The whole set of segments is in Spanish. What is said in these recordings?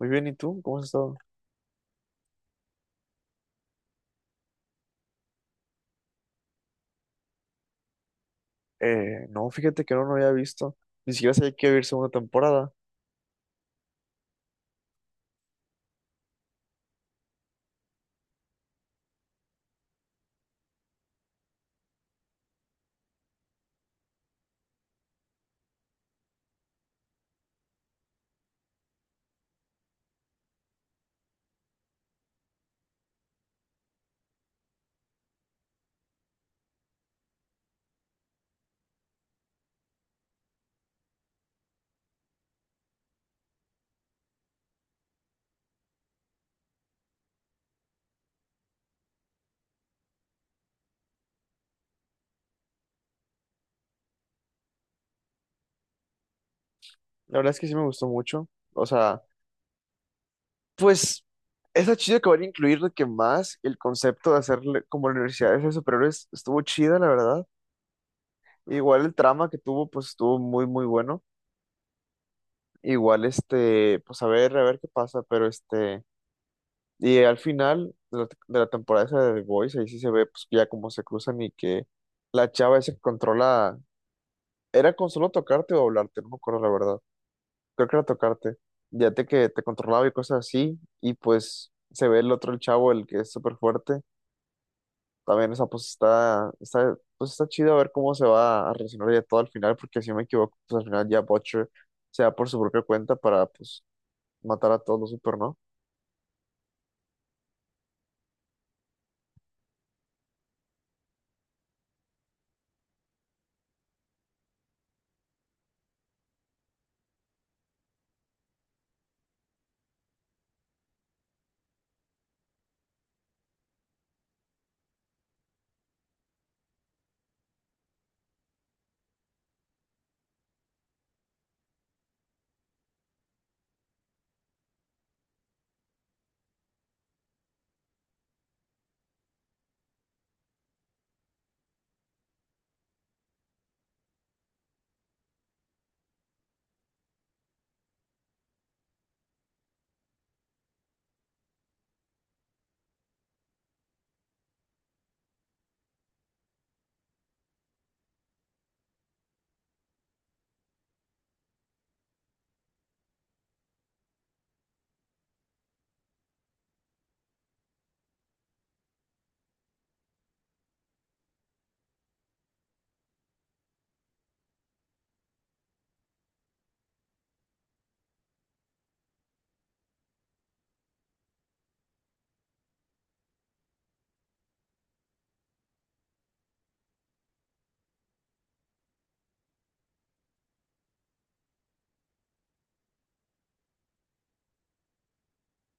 Muy bien, ¿y tú? ¿Cómo has estado? No, fíjate que no lo había visto. Ni siquiera sabía que iba a haber segunda temporada. La verdad es que sí me gustó mucho. O sea, pues, está chido que van a incluir de que más el concepto de hacerle como universidades de superhéroes estuvo chida, la verdad. Igual el trama que tuvo, pues estuvo muy, muy bueno. Igual, pues a ver qué pasa, pero Y al final de la temporada esa de The Boys, ahí sí se ve, pues, ya cómo se cruzan y que la chava esa que controla. Era con solo tocarte o hablarte, no me acuerdo la verdad. Creo que era tocarte. Ya te que te controlaba y cosas así. Y pues se ve el otro, el chavo, el que es súper fuerte. También, esa pues pues está chido a ver cómo se va a relacionar ya todo al final, porque si no me equivoco, pues al final ya Butcher se va por su propia cuenta para pues matar a todos los super, ¿no?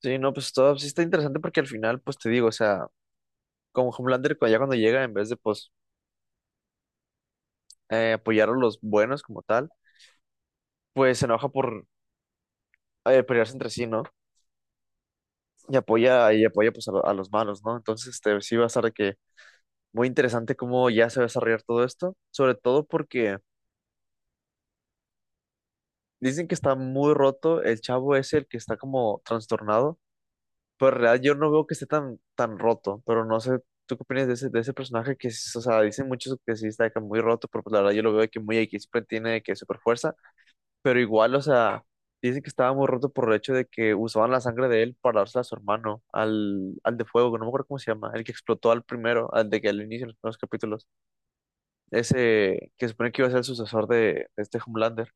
Sí, no, pues todo sí está interesante porque al final, pues te digo, o sea, como Homelander, ya cuando llega, en vez de pues apoyar a los buenos como tal, pues se enoja por pelearse entre sí, ¿no? Y apoya pues a, a los malos, ¿no? Entonces, este, sí va a estar de que muy interesante cómo ya se va a desarrollar todo esto, sobre todo porque dicen que está muy roto, el chavo es el que está como trastornado, pero en realidad yo no veo que esté tan, tan roto, pero no sé, ¿tú qué opinas de ese personaje que, o sea, dicen muchos que sí está de que muy roto, pero pues la verdad yo lo veo de que muy X, siempre tiene de que super fuerza, pero igual, o sea, dice que estaba muy roto por el hecho de que usaban la sangre de él para dársela a su hermano, al, al de fuego, que no me acuerdo cómo se llama, el que explotó al primero, al de que al inicio, en los primeros capítulos, ese que se supone que iba a ser el sucesor de este Homelander.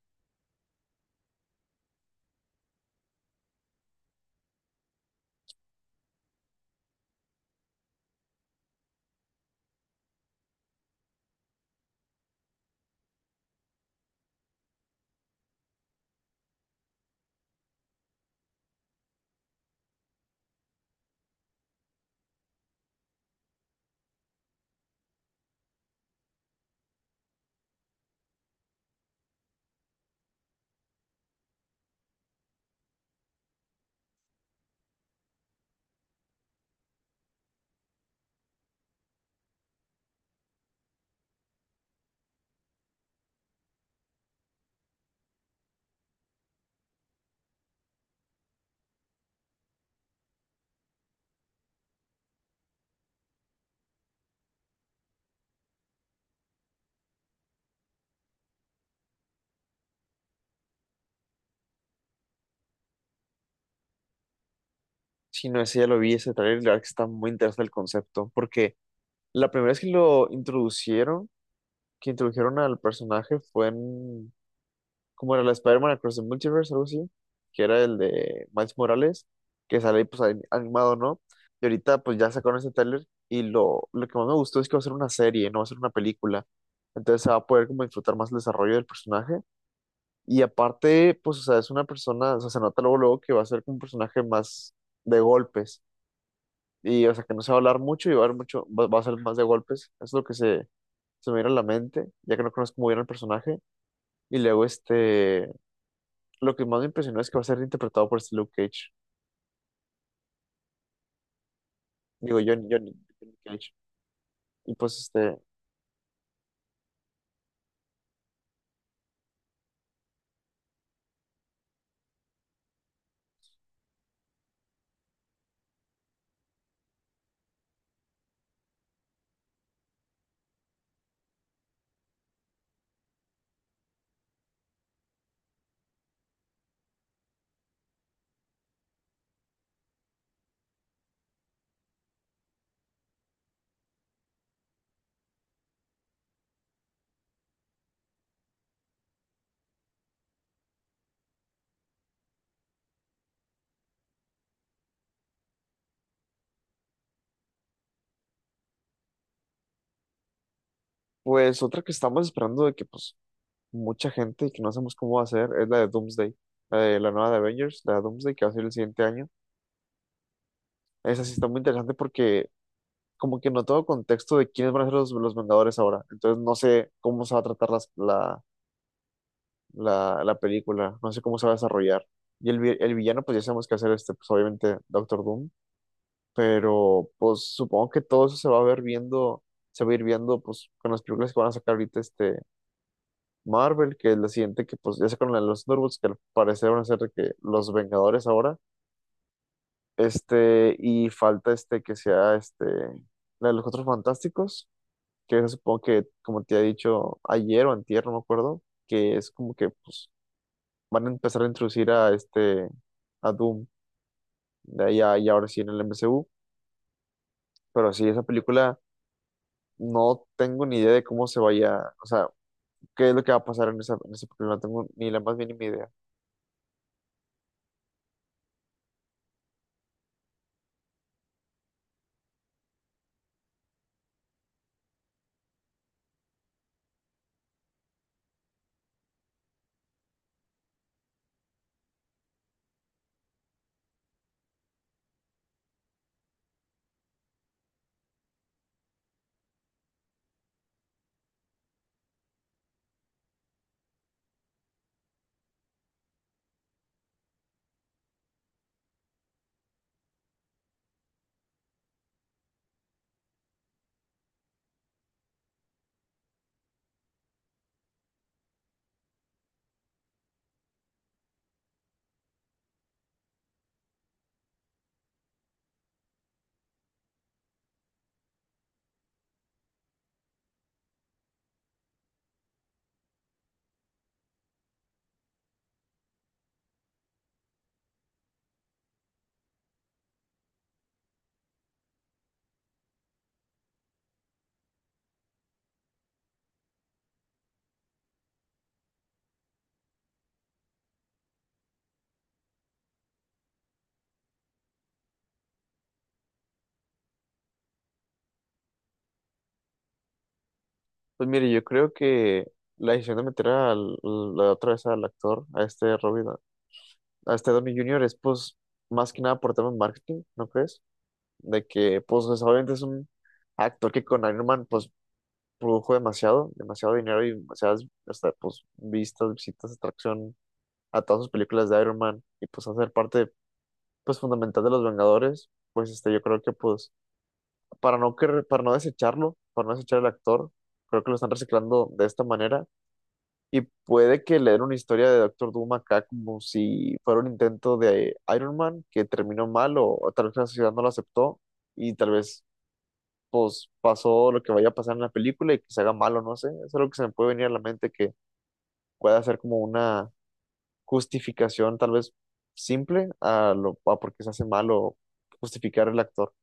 Si no, ese ya lo vi, ese trailer, y la verdad que está muy interesante el concepto, porque la primera vez que lo introducieron, que introdujeron al personaje fue en como era la Spider-Man Across the Multiverse, algo así, que era el de Miles Morales, que sale ahí, pues ahí animado, ¿no? Y ahorita pues ya sacaron ese tráiler y lo que más me gustó es que va a ser una serie, no va a ser una película. Entonces se va a poder como disfrutar más el desarrollo del personaje. Y aparte, pues, o sea, es una persona, o sea, se nota luego, luego que va a ser como un personaje más de golpes. Y, o sea, que no se va a hablar mucho y va a haber mucho, va a ser más de golpes. Eso es lo que se me viene a la mente, ya que no conozco muy bien el personaje. Y luego, este, lo que más me impresionó es que va a ser interpretado por este Luke Cage. Digo, Johnny Cage. Y pues este, pues otra que estamos esperando de que pues mucha gente y que no sabemos cómo va a ser es la de Doomsday, la de la nueva de Avengers, la de Doomsday que va a ser el siguiente año. Esa sí está muy interesante porque como que no tengo contexto de quiénes van a ser los Vengadores ahora. Entonces no sé cómo se va a tratar la película, no sé cómo se va a desarrollar. Y el, el villano, pues ya sabemos que va a ser este, pues obviamente Doctor Doom, pero pues supongo que todo eso se va a ver viendo, se va a ir viendo pues con las películas que van a sacar ahorita este Marvel, que es la siguiente que pues ya sacaron la de los Thunderbolts, que al parecer van a ser de que los Vengadores ahora, este, y falta este que sea este, la de los Cuatro Fantásticos, que esa supongo que como te he dicho ayer o antier, no me acuerdo, que es como que pues van a empezar a introducir a este, a Doom, de y ahora sí en el MCU, pero sí, esa película no tengo ni idea de cómo se vaya, o sea, qué es lo que va a pasar en esa, en ese problema. No tengo ni la más mínima idea. Pues mire, yo creo que la decisión de meter al, la otra vez al actor, a este Robin, a este Downey Junior es pues más que nada por tema de marketing, ¿no crees? De que pues obviamente es un actor que con Iron Man pues produjo demasiado, demasiado dinero y demasiadas, hasta, pues vistas, visitas, atracción a todas sus películas de Iron Man y pues hacer parte pues fundamental de los Vengadores pues este, yo creo que pues para no, que, para no desecharlo, para no desechar el actor. Creo que lo están reciclando de esta manera. Y puede que le den una historia de Doctor Doom acá como si fuera un intento de Iron Man que terminó mal o tal vez la sociedad no lo aceptó y tal vez pues pasó lo que vaya a pasar en la película y que se haga malo, no sé. Eso es algo que se me puede venir a la mente que pueda ser como una justificación tal vez simple a lo a por qué se hace malo justificar el actor.